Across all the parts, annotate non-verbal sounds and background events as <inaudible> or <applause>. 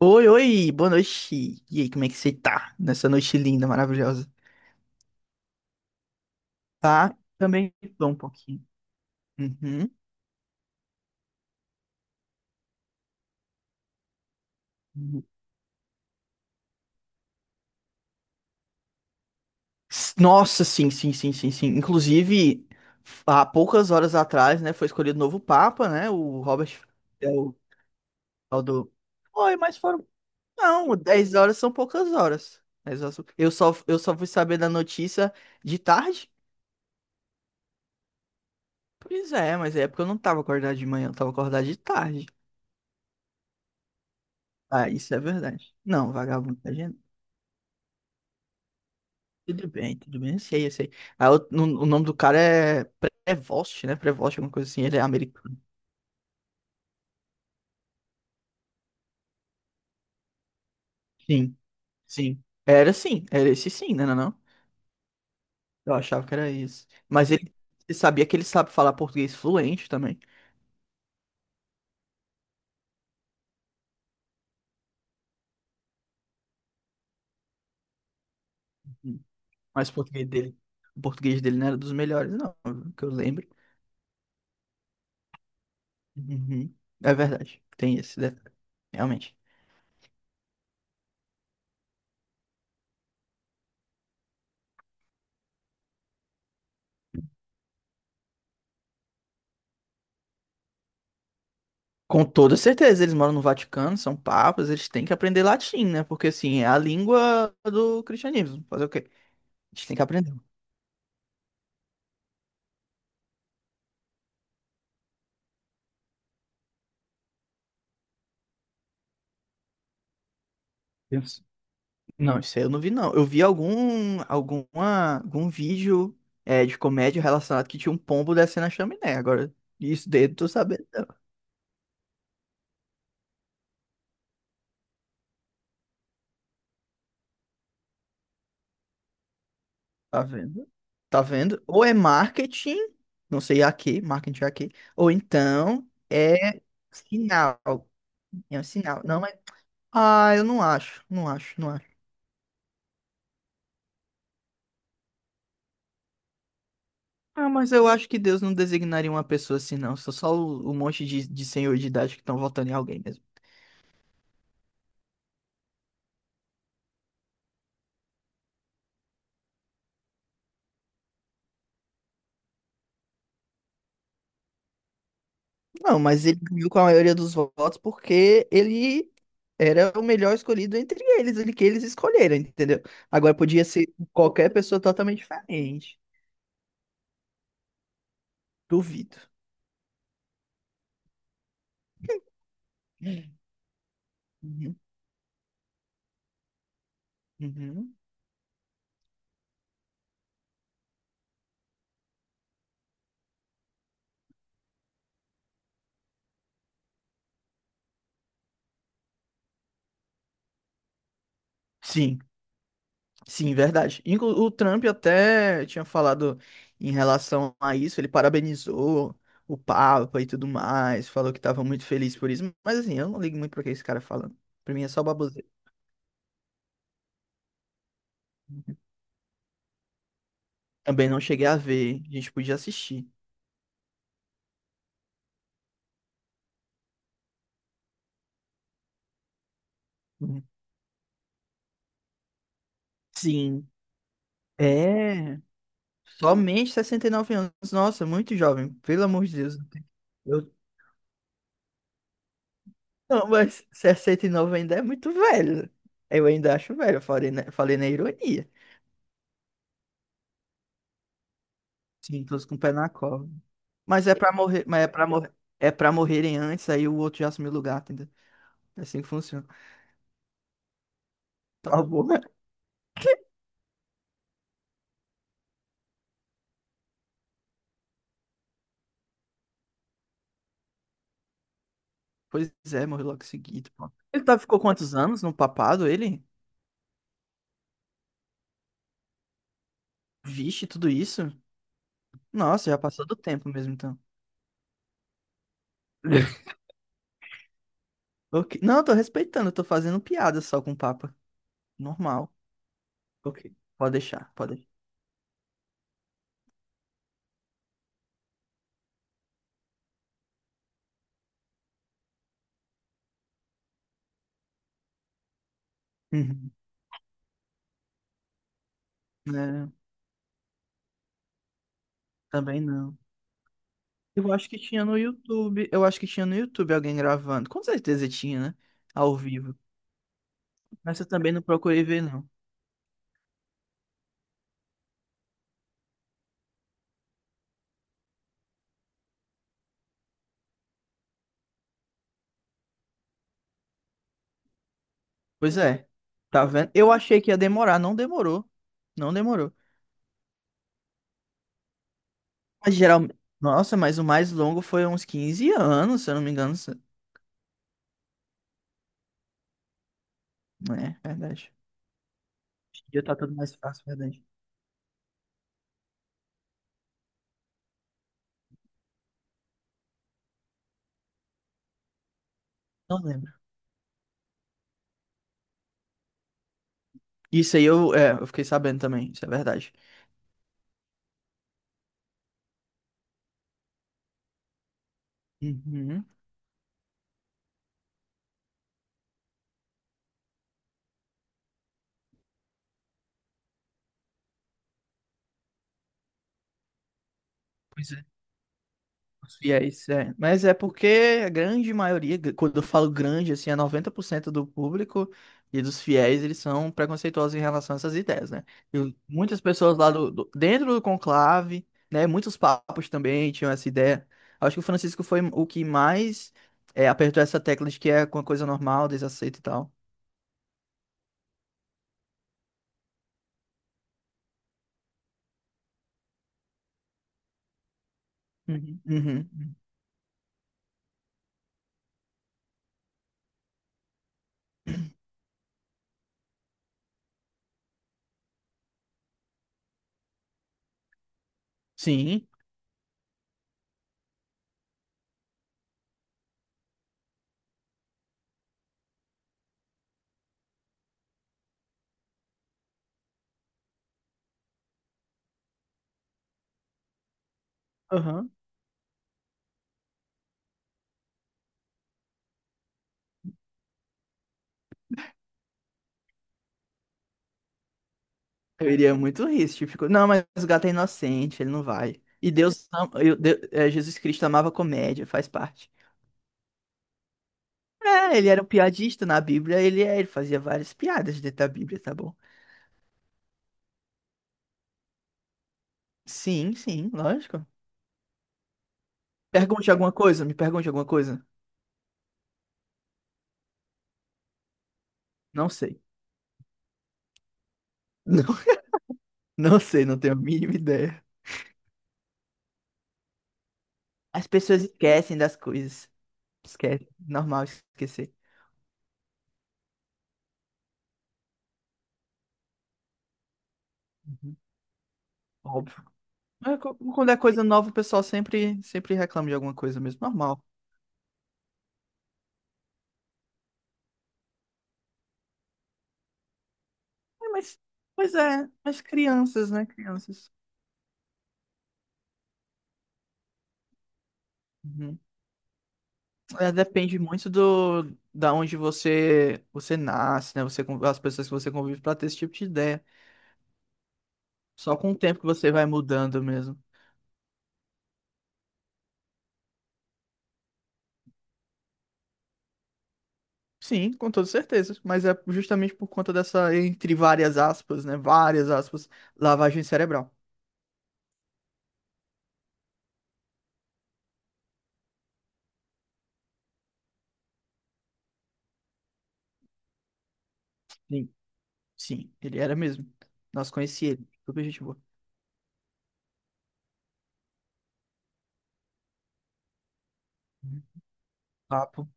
Oi, oi, boa noite. E aí, como é que você tá nessa noite linda, maravilhosa? Tá? Também tô um pouquinho. Uhum. Uhum. Nossa, sim. Inclusive, há poucas horas atrás, né, foi escolhido o novo Papa, né? O Robert é o tal do. Oi, mas foram. Não, 10 horas são poucas horas. Eu só fui saber da notícia de tarde. Pois é, mas é porque eu não tava acordado de manhã, eu tava acordado de tarde. Ah, isso é verdade. Não, vagabundo, tá. Tudo bem, eu sei, eu sei. Ah, o, no- O nome do cara é Prevost, né? Prevost, alguma coisa assim, ele é americano. Sim, sim. Era sim, era esse sim, né? Não, não? Eu achava que era isso. Mas ele, você sabia que ele sabe falar português fluente também. Hum. Mas o português dele não era dos melhores, não, que eu lembro. Uhum. É verdade, tem esse detalhe, realmente. Com toda certeza, eles moram no Vaticano, são papas, eles têm que aprender latim, né? Porque assim, é a língua do cristianismo. Fazer o quê? A gente tem que aprender. Deus. Não, isso aí eu não vi, não. Eu vi algum vídeo de comédia relacionado que tinha um pombo descendo a chaminé. Agora, isso dele eu tô sabendo. Não. Tá vendo? Tá vendo? Ou é marketing, não sei a que, marketing a que, ou então é sinal. É um sinal. Não é. Ah, eu não acho. Ah, mas eu acho que Deus não designaria uma pessoa assim, não. Sou só o monte de senhor de idade que estão votando em alguém mesmo. Não, mas ele ganhou com a maioria dos votos porque ele era o melhor escolhido entre eles, ele que eles escolheram, entendeu? Agora podia ser qualquer pessoa totalmente diferente. Duvido. Hum. Uhum, uhum. Sim, sim, verdade. Inclu O Trump até tinha falado em relação a isso, ele parabenizou o Papa e tudo mais, falou que estava muito feliz por isso, mas assim, eu não ligo muito para que esse cara falando. Pra mim é só baboseira. Também não cheguei a ver, a gente podia assistir. Sim. É. Somente 69 anos. Nossa, muito jovem. Pelo amor de Deus. Eu... Não, mas 69 ainda é muito velho. Eu ainda acho velho. Eu falei falei na ironia. Sim, todos com o pé na cova. Mas é pra morrer. Mas é pra morrer. É pra morrerem antes, aí o outro já assumiu o lugar, entendeu? É assim que funciona. Tá bom. <laughs> Pois é, morreu logo seguido, pô. Ficou quantos anos no papado, ele? Vixe, tudo isso? Nossa, já passou do tempo mesmo, então. <laughs> Ok. Não, eu tô respeitando, eu tô fazendo piada só com o Papa. Normal. Ok. Pode deixar, pode deixar. Uhum. É, também não. Eu acho que tinha no YouTube. Eu acho que tinha no YouTube alguém gravando. Com certeza tinha, né? Ao vivo. Mas eu também não procurei ver, não. Pois é. Tá vendo? Eu achei que ia demorar, não demorou. Não demorou. Mas geralmente. Nossa, mas o mais longo foi uns 15 anos, se eu não me engano. É, verdade. Hoje em dia tá tudo mais fácil, verdade. Não lembro. Isso aí eu, eu fiquei sabendo também, isso é verdade. Uhum. Pois é. Os fiéis, é. Mas é porque a grande maioria, quando eu falo grande, assim, é 90% do público e dos fiéis, eles são preconceituosos em relação a essas ideias, né? E muitas pessoas lá dentro do conclave, né? Muitos papas também tinham essa ideia. Acho que o Francisco foi o que mais apertou essa tecla de que é uma coisa normal, desaceito e tal. Uhum. Uhum. Sim. Eu iria muito rir se tipo, não, mas o gato é inocente, ele não vai. E Deus, Jesus Cristo amava comédia, faz parte. É, ele era um piadista na Bíblia, ele, ele fazia várias piadas dentro da Bíblia, tá bom? Sim, sim, lógico. Pergunte alguma coisa, me pergunte alguma coisa. Não sei. <laughs> Não, não sei, não tenho a mínima ideia. As pessoas esquecem das coisas. Esquece, normal esquecer. Uhum. Óbvio. Quando é coisa nova, o pessoal sempre, sempre reclama de alguma coisa mesmo, normal. É, mas, pois é, mas crianças, né? Crianças. Uhum. É, depende muito do da onde você nasce, né? As pessoas que você convive para ter esse tipo de ideia. Só com o tempo que você vai mudando mesmo. Sim, com toda certeza. Mas é justamente por conta dessa, entre várias aspas, né? Várias aspas, lavagem cerebral. Sim, sim, ele era mesmo. Nós conheci ele. Super gente boa. Uhum. Papo.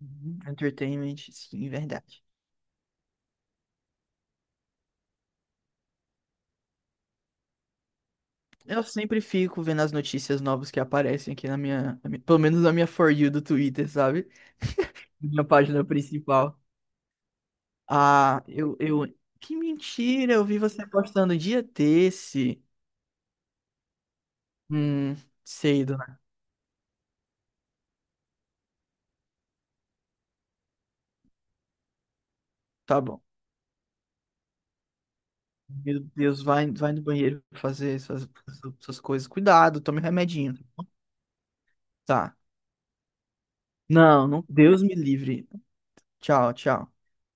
Uhum. Entertainment, sim, verdade. Eu sempre fico vendo as notícias novas que aparecem aqui pelo menos na minha For You do Twitter, sabe? Minha página principal. Ah, que mentira, eu vi você postando dia desse. Hum, sei, dona. Tá bom. Meu Deus, vai, vai no banheiro fazer suas, suas coisas. Cuidado, tome um remedinho. Tá. Não, não, Deus me livre. Tchau, tchau.